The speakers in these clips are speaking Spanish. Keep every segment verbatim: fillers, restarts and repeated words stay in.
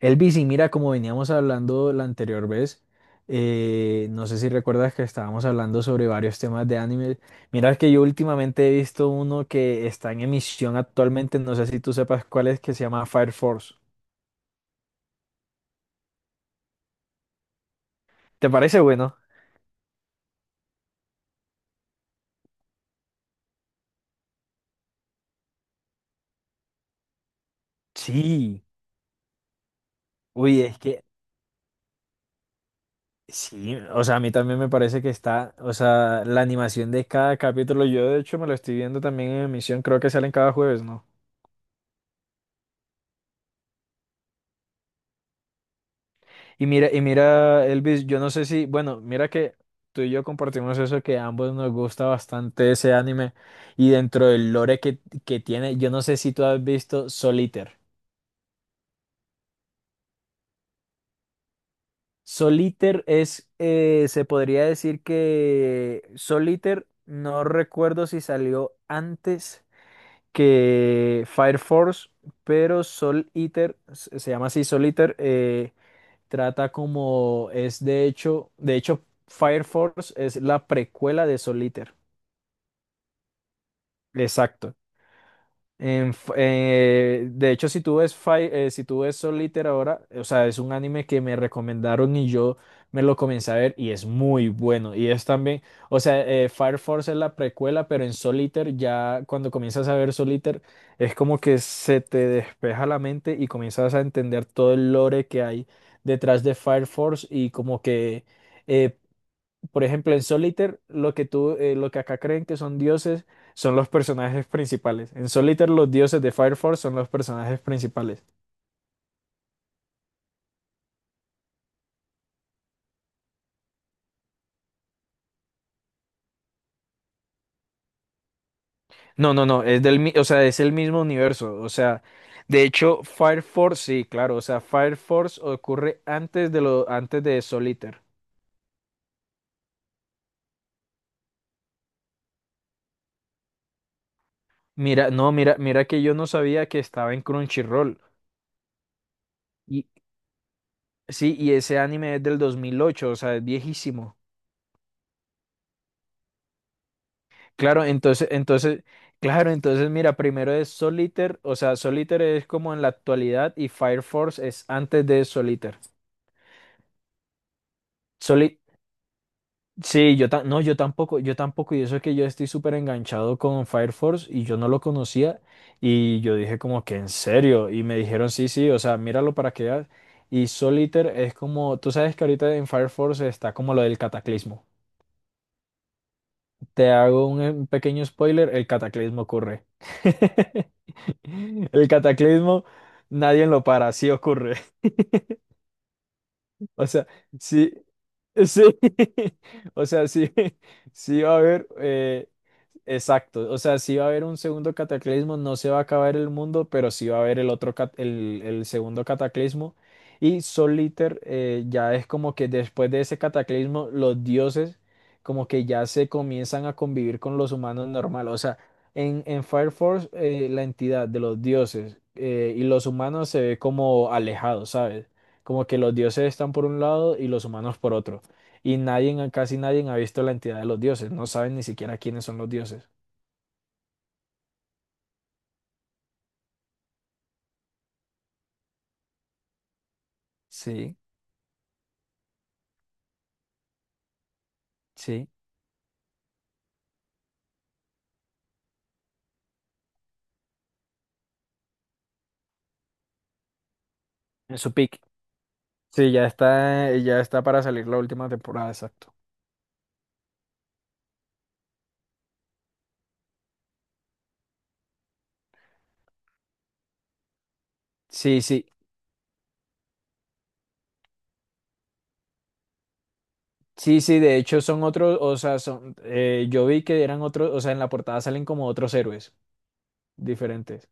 Elvis, y mira, como veníamos hablando la anterior vez, eh, no sé si recuerdas que estábamos hablando sobre varios temas de anime. Mira que yo últimamente he visto uno que está en emisión actualmente, no sé si tú sepas cuál es, que se llama Fire Force. ¿Te parece bueno? Sí, uy, es que sí, o sea, a mí también me parece que está, o sea, la animación de cada capítulo, yo de hecho me lo estoy viendo también en emisión, creo que salen cada jueves, ¿no? Y mira, y mira, Elvis, yo no sé si, bueno, mira que tú y yo compartimos eso que a ambos nos gusta bastante ese anime y dentro del lore que, que tiene, yo no sé si tú has visto Soliter. Soliter es, eh, se podría decir que Soliter, no recuerdo si salió antes que Fire Force, pero Soliter, se se llama así Soliter, trata como es de hecho, de hecho Fire Force es la precuela de Soul Eater. Exacto. En f- eh, de hecho, si tú ves, Fi- eh, si tú ves Soul Eater ahora, o sea, es un anime que me recomendaron y yo me lo comencé a ver y es muy bueno. Y es también, o sea, eh, Fire Force es la precuela, pero en Soul Eater ya cuando comienzas a ver Soul Eater es como que se te despeja la mente y comienzas a entender todo el lore que hay detrás de Fire Force y como que... eh, por ejemplo, en Solitaire, lo que tú, eh, lo que acá creen que son dioses son los personajes principales. En Solitaire, los dioses de Fire Force son los personajes principales. No, no, no, es del, mi- o sea, es el mismo universo. O sea, de hecho, Fire Force, sí, claro. O sea, Fire Force ocurre antes de lo, antes de Solitaire. Mira, no, mira, mira que yo no sabía que estaba en Crunchyroll. Y sí, y ese anime es del dos mil ocho, o sea, es viejísimo. Claro, entonces, entonces, claro, entonces mira, primero es Solitaire, o sea, Solitaire es como en la actualidad y Fire Force es antes de Solitaire. Soli- sí, yo ta- no, yo tampoco, yo tampoco, y eso es que yo estoy súper enganchado con Fire Force y yo no lo conocía y yo dije como que en serio y me dijeron sí, sí, o sea, míralo para que veas. Y Solitaire es como, tú sabes que ahorita en Fire Force está como lo del cataclismo. Te hago un un pequeño spoiler, el cataclismo ocurre. El cataclismo, nadie lo para, sí ocurre. O sea, sí, sí, o sea, sí, sí va a haber, eh, exacto, o sea, sí va a haber un segundo cataclismo, no se va a acabar el mundo, pero sí va a haber el otro, cat- el, el segundo cataclismo. Y Sol Liter eh, ya es como que después de ese cataclismo, los dioses como que ya se comienzan a convivir con los humanos normal. O sea, en, en Fire Force, eh, la entidad de los dioses eh, y los humanos se ve como alejados, ¿sabes? Como que los dioses están por un lado y los humanos por otro. Y nadie, casi nadie ha visto la entidad de los dioses. No saben ni siquiera quiénes son los dioses. Sí, sí, en su pick. Sí, ya está, ya está para salir la última temporada, exacto. Sí, sí, sí, sí, de hecho son otros, o sea, son, eh, yo vi que eran otros, o sea, en la portada salen como otros héroes diferentes.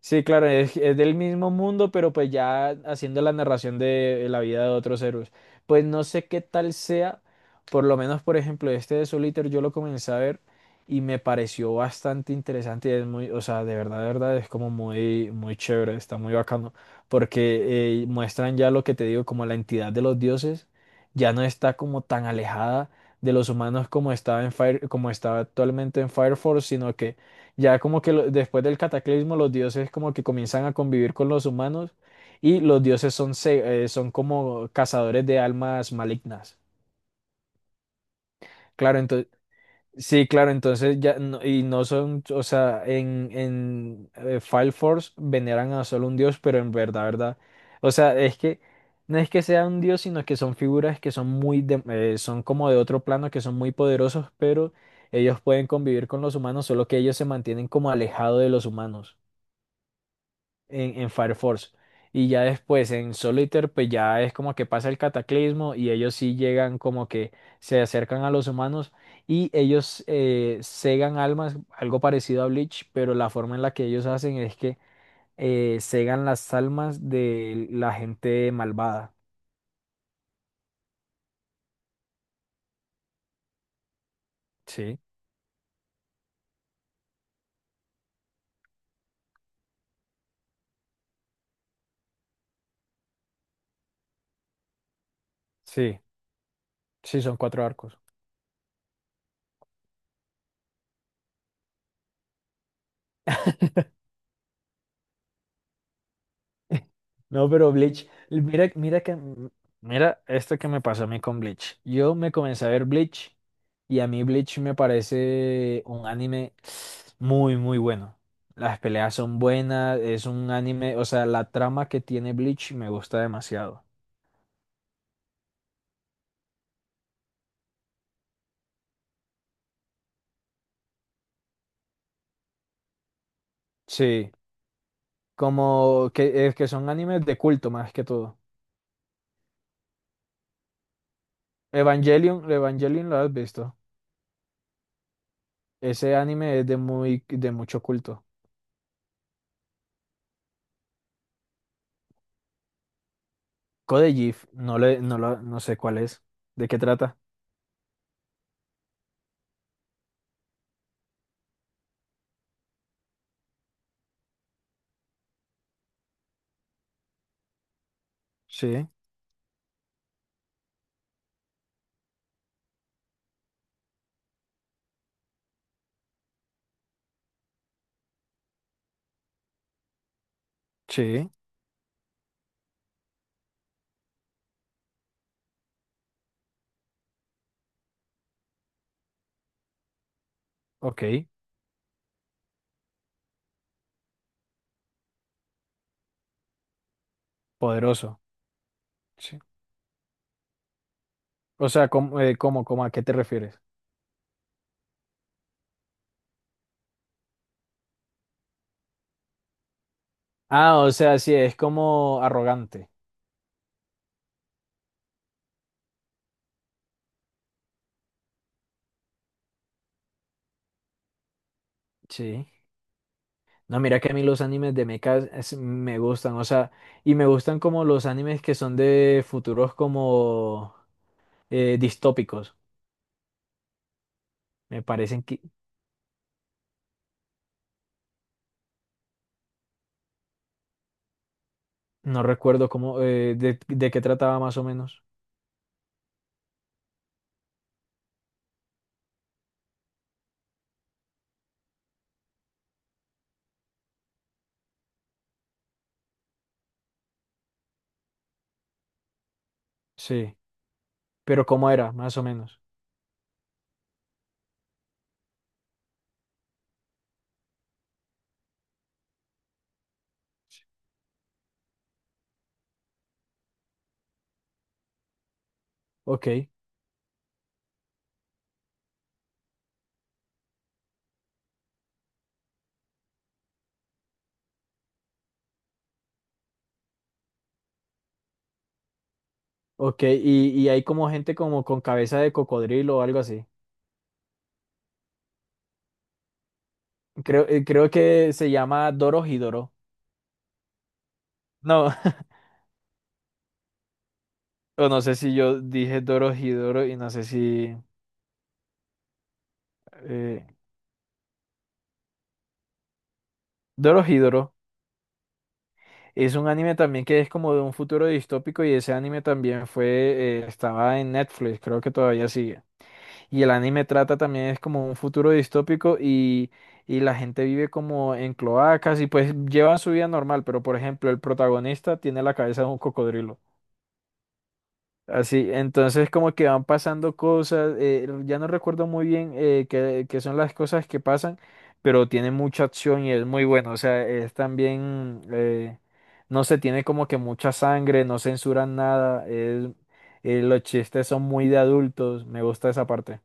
Sí, claro, es, es del mismo mundo, pero pues ya haciendo la narración de la vida de otros héroes. Pues no sé qué tal sea, por lo menos, por ejemplo, este de Soul Eater yo lo comencé a ver y me pareció bastante interesante y es muy, o sea, de verdad, de verdad, es como muy, muy chévere, está muy bacano, porque eh, muestran ya lo que te digo, como la entidad de los dioses ya no está como tan alejada de los humanos como estaba en Fire, como estaba actualmente en Fire Force, sino que ya como que lo- después del cataclismo los dioses como que comienzan a convivir con los humanos y los dioses son, se- eh, son como cazadores de almas malignas. Claro, entonces, sí, claro, entonces ya, no- y no son, o sea, en, en eh, Fire Force veneran a solo un dios, pero en verdad, verdad, o sea, es que no es que sea un dios, sino que son figuras que son muy, de- eh, son como de otro plano, que son muy poderosos, pero ellos pueden convivir con los humanos, solo que ellos se mantienen como alejados de los humanos en, en Fire Force. Y ya después en Solitaire, pues ya es como que pasa el cataclismo y ellos sí llegan como que se acercan a los humanos y ellos eh, segan almas, algo parecido a Bleach, pero la forma en la que ellos hacen es que eh, segan las almas de la gente malvada. Sí, sí, sí, son cuatro arcos. No, pero Bleach, mira, mira que, mira esto que me pasó a mí con Bleach. Yo me comencé a ver Bleach y a mí Bleach me parece un anime muy, muy bueno. Las peleas son buenas, es un anime, o sea, la trama que tiene Bleach me gusta demasiado. Sí, como que, es que son animes de culto más que todo. Evangelion, Evangelion lo has visto. Ese anime es de muy, de mucho culto. Code Geass, no le, no lo- no sé cuál es. ¿De qué trata? Sí, sí, ok, poderoso. Sí. O sea, ¿cómo, eh, cómo, cómo, a qué te refieres? Ah, o sea, sí, es como arrogante. Sí. No, mira que a mí los animes de mechas es- me gustan, o sea, y me gustan como los animes que son de futuros como eh, distópicos. Me parecen que, no recuerdo cómo, eh, de, de qué trataba más o menos. Sí, pero cómo era, más o menos. Ok, ok, y, y hay como gente como con cabeza de cocodrilo o algo así. Creo, eh, creo que se llama Dorohedoro. No, o no sé si yo dije Dorohedoro y no sé si... Eh, Dorohedoro es un anime también que es como de un futuro distópico y ese anime también fue, eh, estaba en Netflix, creo que todavía sigue. Y el anime trata también es como un futuro distópico y, y la gente vive como en cloacas y pues llevan su vida normal, pero por ejemplo el protagonista tiene la cabeza de un cocodrilo. Así, entonces como que van pasando cosas, eh, ya no recuerdo muy bien eh, qué, qué son las cosas que pasan, pero tiene mucha acción y es muy bueno, o sea, es también, eh, no se tiene como que mucha sangre, no censuran nada, es- eh, los chistes son muy de adultos, me gusta esa parte.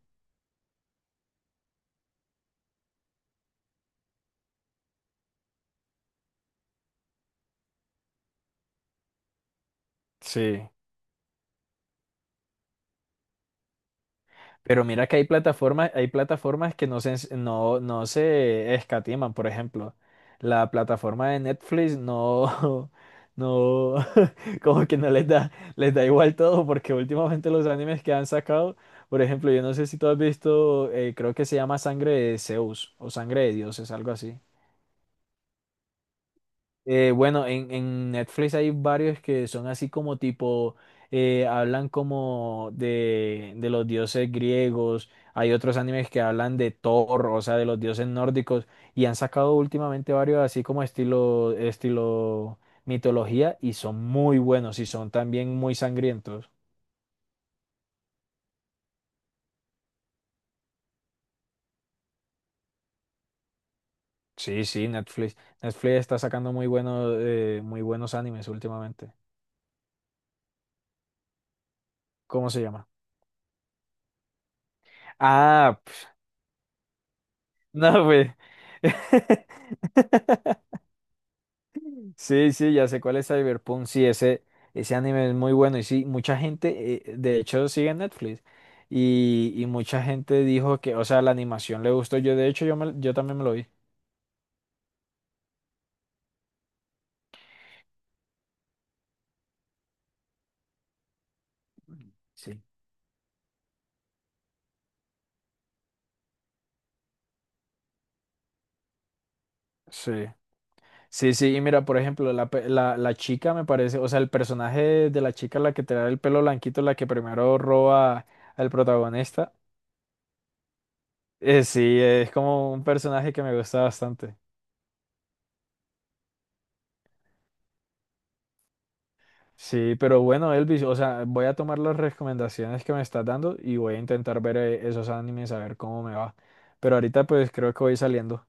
Sí. Pero mira que hay plataformas, hay plataformas que no se, ens- no, no se escatiman, por ejemplo. La plataforma de Netflix no, no, como que no les da, les da igual todo, porque últimamente los animes que han sacado, por ejemplo, yo no sé si tú has visto, eh, creo que se llama Sangre de Zeus o Sangre de Dioses, algo así. Eh, bueno, en, en Netflix hay varios que son así como tipo, eh, hablan como de, de los dioses griegos, hay otros animes que hablan de Thor, o sea, de los dioses nórdicos, y han sacado últimamente varios así como estilo, estilo mitología, y son muy buenos y son también muy sangrientos. Sí, sí, Netflix. Netflix está sacando muy buenos, eh, muy buenos animes últimamente. ¿Cómo se llama? Ah, pf, no, pues. Sí, sí, ya sé cuál es Cyberpunk. Sí, ese, ese anime es muy bueno. Y sí, mucha gente, eh, de hecho, sigue en Netflix. Y, y mucha gente dijo que, o sea, la animación le gustó. Yo, de hecho, yo, me- yo también me lo vi. Sí. Sí. Sí, sí. Y mira, por ejemplo, la, pe- la, la chica me parece, o sea, el personaje de la chica, la que te da el pelo blanquito, la que primero roba al protagonista. eh, sí, es como un personaje que me gusta bastante. Sí, pero bueno, Elvis, o sea, voy a tomar las recomendaciones que me estás dando y voy a intentar ver eh, esos animes a ver cómo me va. Pero ahorita pues creo que voy saliendo.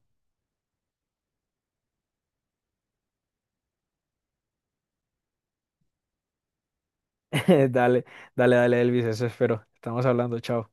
Dale, dale, dale, Elvis, eso espero. Estamos hablando, chao.